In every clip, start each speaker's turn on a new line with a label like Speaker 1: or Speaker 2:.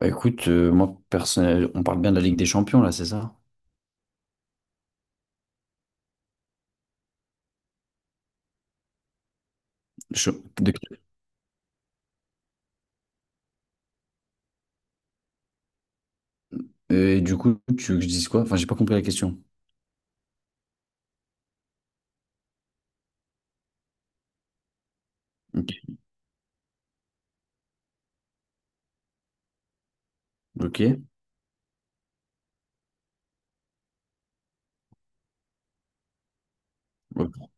Speaker 1: Moi, personnel, on parle bien de la Ligue des Champions, là, c'est ça? Je- de- Et du coup, tu veux que je dise quoi? Enfin, j'ai pas compris la question. Ok. Ok. Ouais.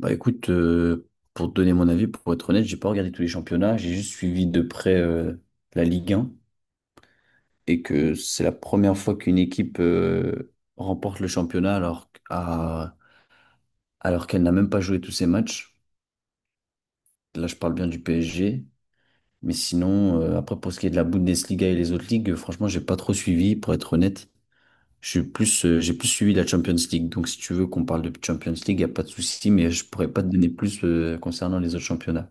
Speaker 1: Bah écoute, euh, pour te donner mon avis, pour être honnête, j'ai pas regardé tous les championnats, j'ai juste suivi de près la Ligue 1, et que c'est la première fois qu'une équipe remporte le championnat alors qu'elle n'a même pas joué tous ses matchs. Là, je parle bien du PSG. Mais sinon, après, pour ce qui est de la Bundesliga et les autres ligues, franchement, j'ai pas trop suivi, pour être honnête. J'ai plus suivi la Champions League. Donc, si tu veux qu'on parle de Champions League, il n'y a pas de souci, mais je pourrais pas te donner plus, concernant les autres championnats.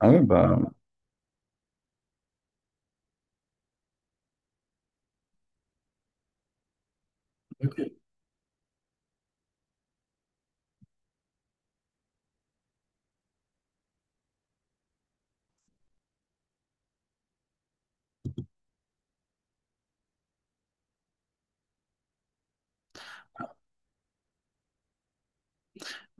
Speaker 1: Ah ouais, bah, ok,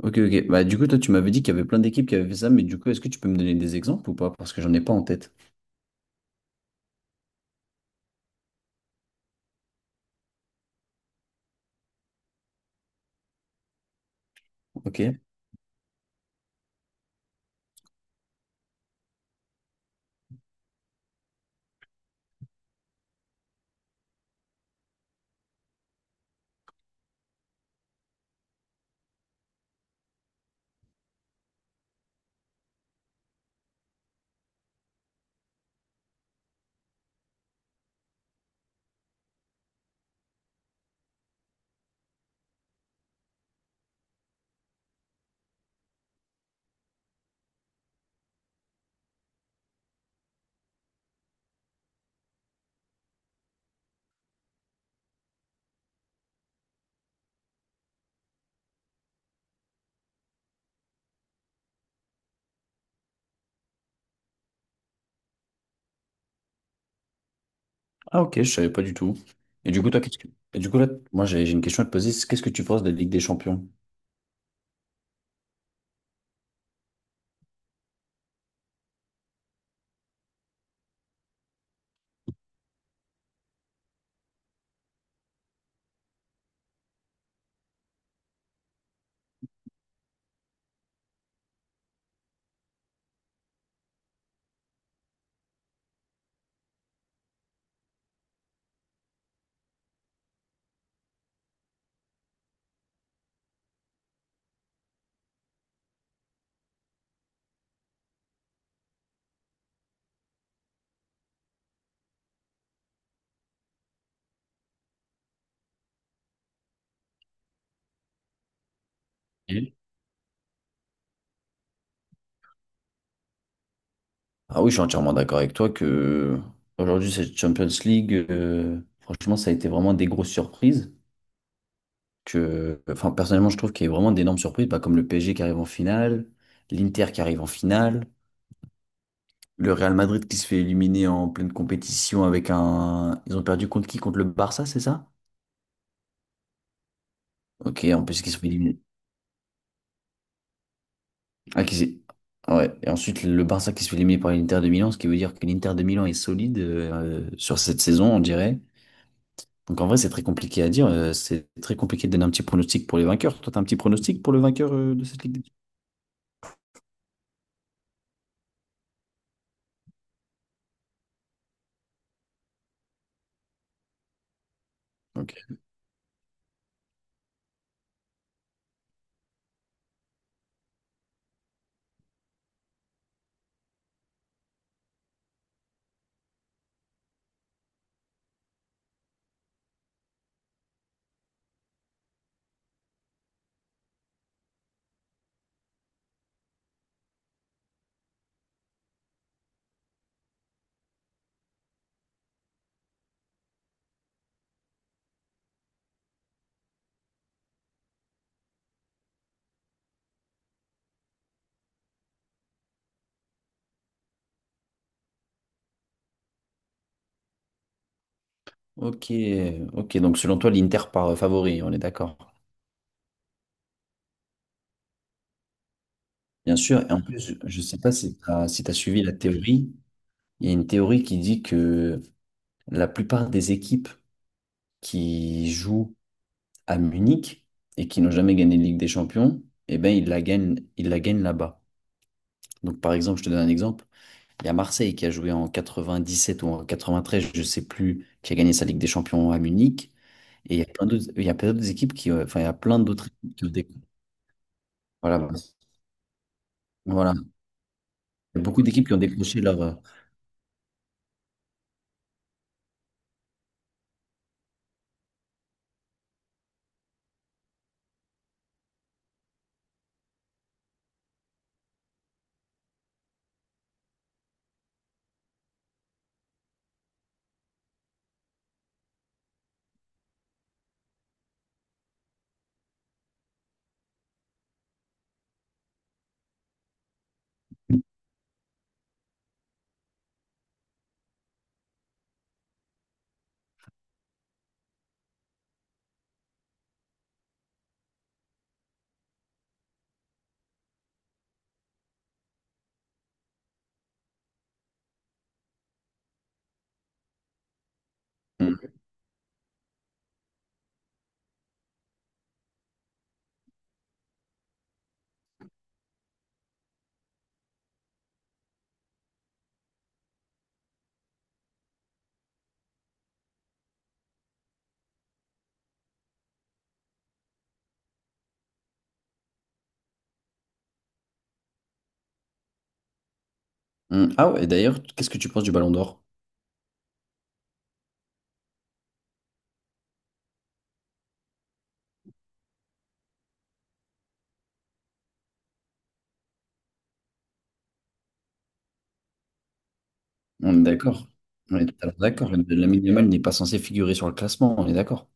Speaker 1: ok, ok. Bah, du coup, toi, tu m'avais dit qu'il y avait plein d'équipes qui avaient fait ça, mais du coup, est-ce que tu peux me donner des exemples ou pas? Parce que j'en ai pas en tête. Ok. Ah, ok, je savais pas du tout. Et du coup, toi, qu'est-ce que... Et du coup, là, moi, j'ai une question à te poser. C'est: qu'est-ce que tu penses de la Ligue des Champions? Et Ah oui, je suis entièrement d'accord avec toi que aujourd'hui, cette Champions League, franchement, ça a été vraiment des grosses surprises. Personnellement, je trouve qu'il y a eu vraiment d'énormes surprises, bah, comme le PSG qui arrive en finale, l'Inter qui arrive en finale, le Real Madrid qui se fait éliminer en pleine compétition avec un. Ils ont perdu contre qui? Contre le Barça, c'est ça? Ok, en plus, qui se fait éliminer. Ah, qui s'est- Ah ouais. Et ensuite, le Barça qui se fait éliminer par l'Inter de Milan, ce qui veut dire que l'Inter de Milan est solide sur cette saison, on dirait. Donc, en vrai, c'est très compliqué à dire. C'est très compliqué de donner un petit pronostic pour les vainqueurs. Toi, t'as un petit pronostic pour le vainqueur de cette Ligue des Champions? Ok. Ok, ok. Donc selon toi, l'Inter part favori, on est d'accord. Bien sûr. Et en plus, je ne sais pas si tu as, si t'as suivi la théorie. Il y a une théorie qui dit que la plupart des équipes qui jouent à Munich et qui n'ont jamais gagné la Ligue des Champions, eh ben, ils la gagnent là-bas. Donc par exemple, je te donne un exemple. Il y a Marseille qui a joué en 97 ou en 93, je ne sais plus, qui a gagné sa Ligue des Champions à Munich. Et il y a plein d'autres, il y a plein d'autres équipes qui, il y a plein d'autres équipes qui ont des- Voilà. Voilà. Il y a beaucoup d'équipes qui ont décroché leur. Mm, mm. Ah ouais, d'ailleurs, qu'est-ce que tu penses du Ballon d'Or? On est d'accord. On est totalement d'accord. Lamine Yamal n'est pas censé figurer sur le classement, on est d'accord.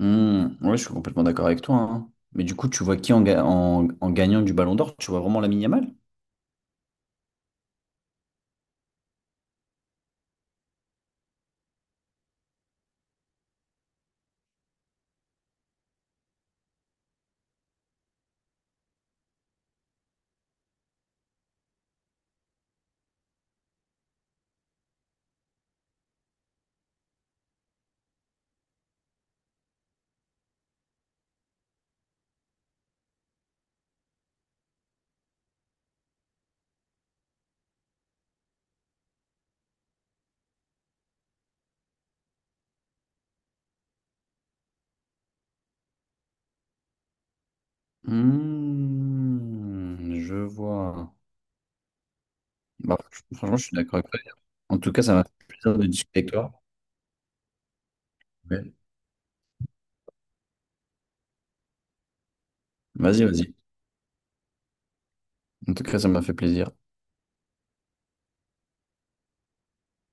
Speaker 1: Mm, ouais, je suis complètement d'accord avec toi, hein. Mais du coup, tu vois qui en, en gagnant du Ballon d'Or? Tu vois vraiment Lamine Yamal? Mm, je vois. Bah, franchement, je suis d'accord avec toi. En tout cas, ça m'a fait plaisir de discuter avec toi. Ouais. Vas-y, vas-y. En tout cas, ça m'a fait plaisir.